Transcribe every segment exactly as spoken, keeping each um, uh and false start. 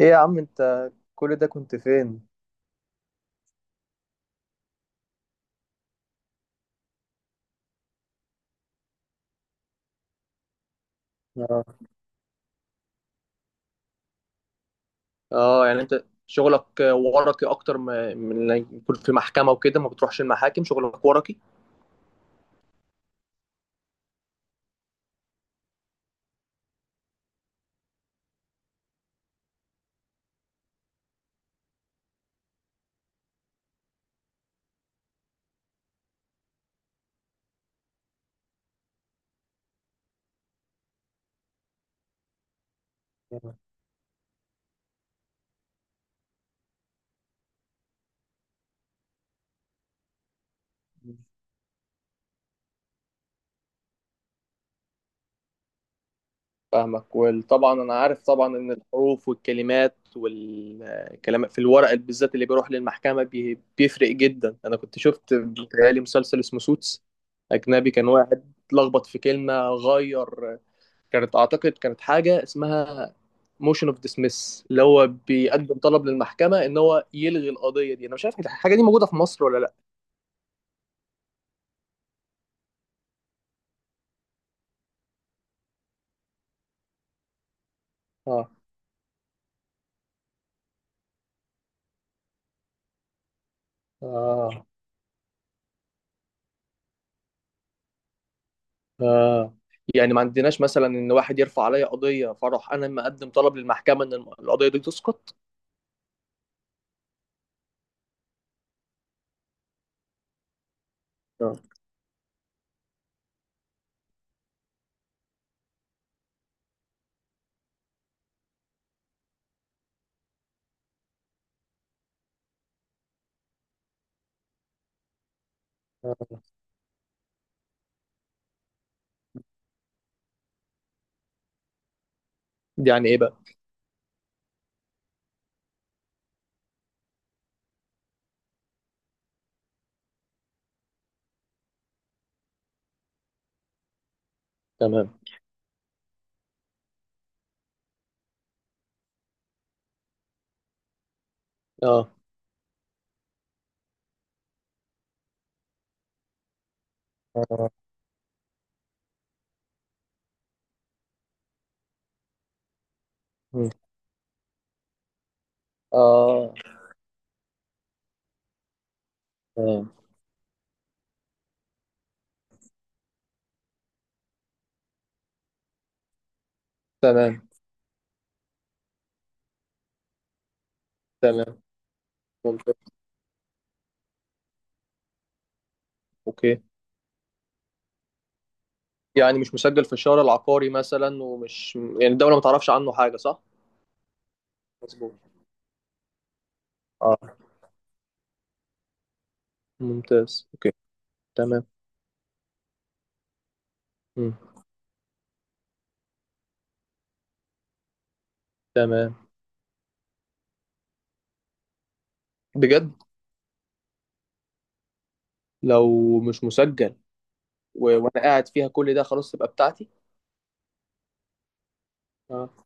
ايه يا عم انت، كل ده كنت فين؟ اه، اه، يعني انت شغلك ورقي اكتر ما- من إنك يكون في محكمه وكده، ما بتروحش المحاكم، شغلك ورقي. فاهمك. وطبعا انا عارف طبعا ان الحروف والكلمات والكلام في الورق بالذات اللي بيروح للمحكمه بي- بيفرق جدا. انا كنت شفت، بيتهيألي مسلسل اسمه سوتس اجنبي، كان واحد اتلخبط في كلمه غير، كانت اعتقد كانت حاجه اسمها موشن اوف ديسمس، اللي هو بيقدم طلب للمحكمه ان هو يلغي القضيه دي. انا مش عارف الحاجه دي موجوده في مصر ولا لا. اه، اه، اه، يعني ما عندناش مثلا ان واحد يرفع عليا قضيه فاروح انا مقدم طلب للمحكمه ان القضيه دي تسقط. اه. آه. دي يعني ايه بقى؟ تمام. اه. اه. مم. اه. آه. تمام. تمام. ممتاز. اوكي. يعني مش مسجل في الشارع العقاري مثلا، ومش يعني الدوله ما تعرفش عنه حاجه، صح؟ مظبوط. اه. ممتاز. اوكي. تمام. مم. تمام. بجد؟ لو مش مسجل و... وانا قاعد فيها كل ده، خلاص تبقى بتاعتي؟ اه.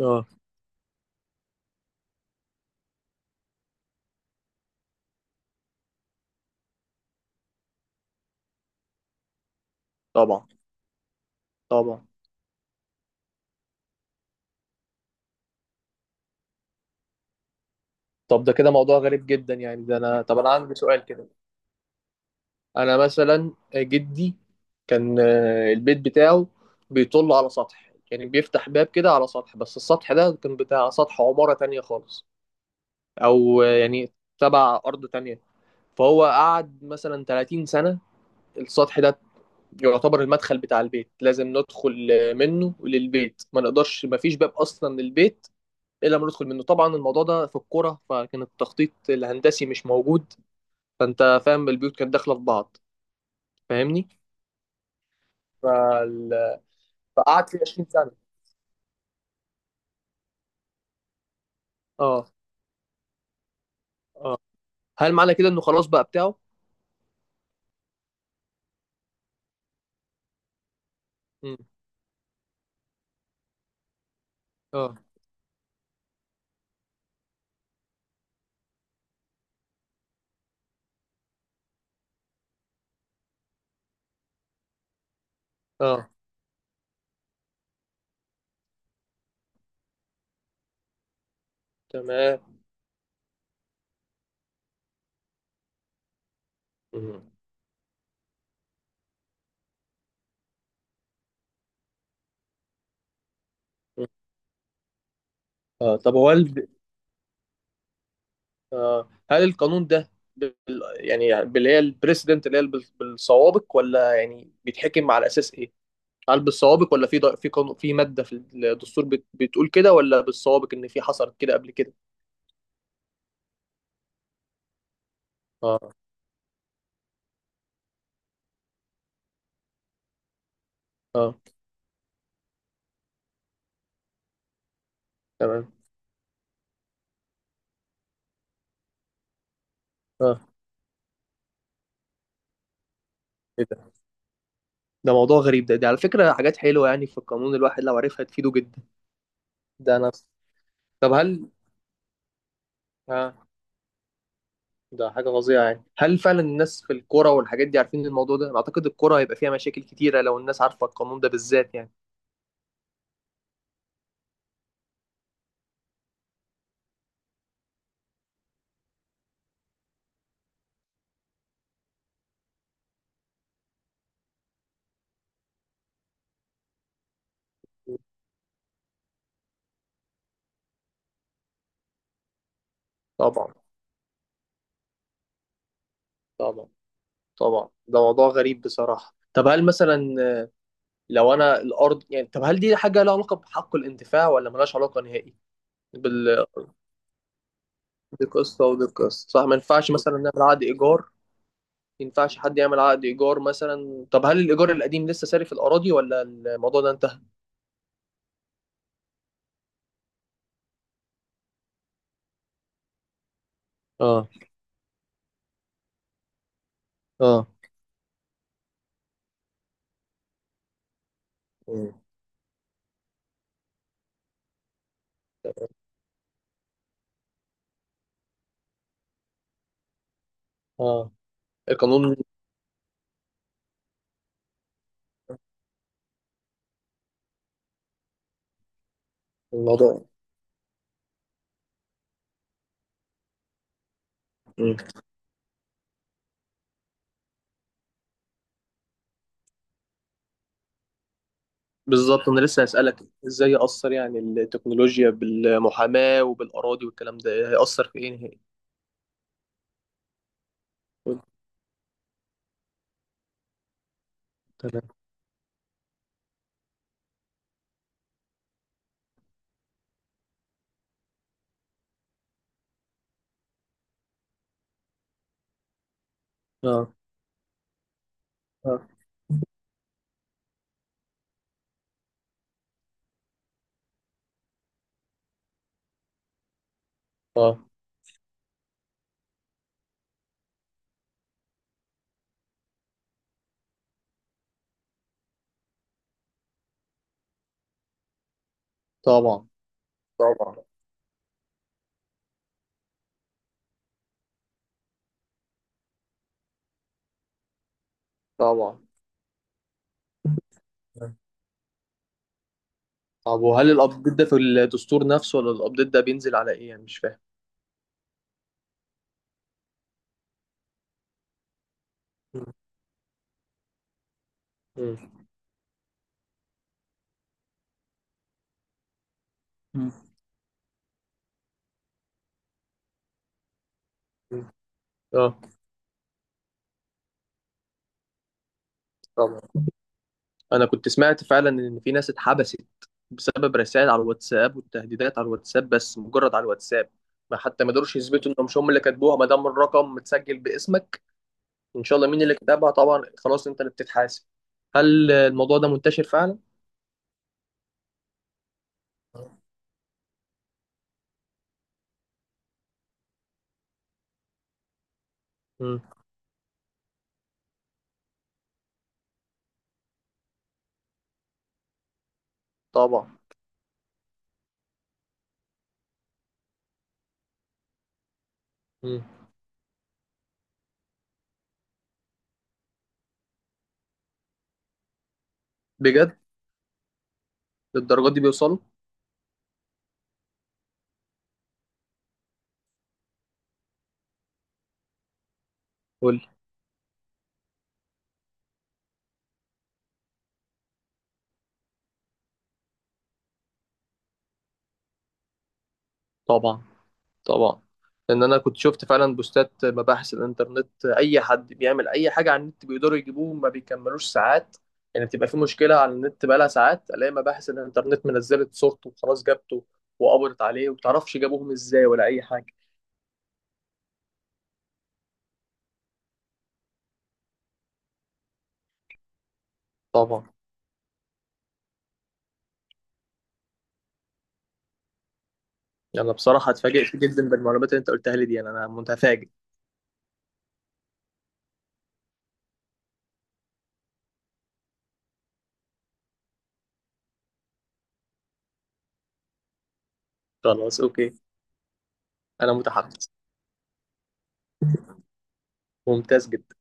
اه. طبعا. طبعا. طب ده كده موضوع غريب جدا، يعني ده انا، طب انا عندي سؤال كده. انا مثلا جدي كان، آه، البيت بتاعه بيطل على سطح، يعني بيفتح باب كده على سطح، بس السطح ده كان بتاع سطح عمارة تانية خالص، او آه، يعني تبع ارض تانية، فهو قعد مثلا 30 سنة. السطح ده يعتبر المدخل بتاع البيت، لازم ندخل منه للبيت، ما نقدرش، ما فيش باب اصلا للبيت الا لما ندخل منه. طبعا الموضوع ده في الكوره، فكان التخطيط الهندسي مش موجود، فانت فاهم، البيوت كانت داخله في بعض. فاهمني؟ فال... فقعدت فيه 20 سنه. اه، هل معنى كده انه خلاص بقى بتاعه؟ مم. اه. اه. تمام. مم. مم. اه طب هو، آه، هل القانون ده بال... يعني باللي هي البريسيدنت، اللي هي بال- بالسوابق، ولا يعني بيتحكم على اساس ايه؟ هل بالسوابق، ولا في ض- في قانون، في ماده في الدستور بت... بتقول كده، ولا بالسوابق ان في حصلت كده قبل كده؟ اه. اه. تمام. اه. ايه ده؟ ده موضوع غريب. ده ده على فكره حاجات حلوه، يعني في القانون الواحد لو عرفها تفيده جدا. ده انا طب هل اه ده حاجه فظيعه، يعني هل فعلا الناس في الكوره والحاجات دي عارفين الموضوع ده؟ انا اعتقد الكوره هيبقى فيها مشاكل كتيره لو الناس عارفه القانون ده بالذات يعني. طبعا. طبعا. طبعا، ده موضوع غريب بصراحة. طب هل مثلا لو أنا الأرض، يعني طب هل دي حاجة لها علاقة بحق الانتفاع ولا ملهاش علاقة نهائي؟ بال بالقسط، أو بالقسط، صح؟ ما ينفعش مثلا نعمل عقد إيجار، ما ينفعش حد يعمل عقد إيجار مثلا؟ طب هل الإيجار القديم لسه ساري في الأراضي، ولا الموضوع ده انتهى؟ اه. اه. مم. اه. القانون الموضوع مم. بالظبط، انا لسه هسألك، ازاي يأثر يعني التكنولوجيا بالمحاماة وبالأراضي والكلام ده، هيأثر في ايه نهائي؟ تمام. اه. اه. اه. طبعا. طبعا. طبعا. طب وهل الابديت ده في الدستور نفسه، ولا الابديت ده بينزل على ايه؟ يعني مش فاهم. مم. مم. مم. مم. اه. طبعا. انا كنت سمعت فعلا ان في ناس اتحبست بسبب رسائل على الواتساب، والتهديدات على الواتساب، بس مجرد على الواتساب، ما حتى ما قدروش يثبتوا انهم مش هم اللي كاتبوها، ما دام الرقم متسجل باسمك، ان شاء الله مين اللي كتبها، طبعا خلاص انت اللي بتتحاسب. هل الموضوع ده منتشر فعلا؟ مم. طبعا. مم. بجد؟ للدرجات دي بيوصلوا؟ قول لي. طبعا. طبعا. لان انا كنت شفت فعلا بوستات مباحث الانترنت، اي حد بيعمل اي حاجه على النت بيقدروا يجيبوه، ما بيكملوش ساعات. يعني بتبقى في مشكله على النت بقالها ساعات، الاقي مباحث الانترنت منزلت صورته وخلاص جابته وقبضت عليه، ومتعرفش جابوهم ازاي ولا اي حاجه. طبعا. يعني بصراحه اتفاجئت جدا بالمعلومات اللي انت قلتها لي دي. انا أنا متفاجئ. خلاص اوكي. انا متحمس. ممتاز جدا.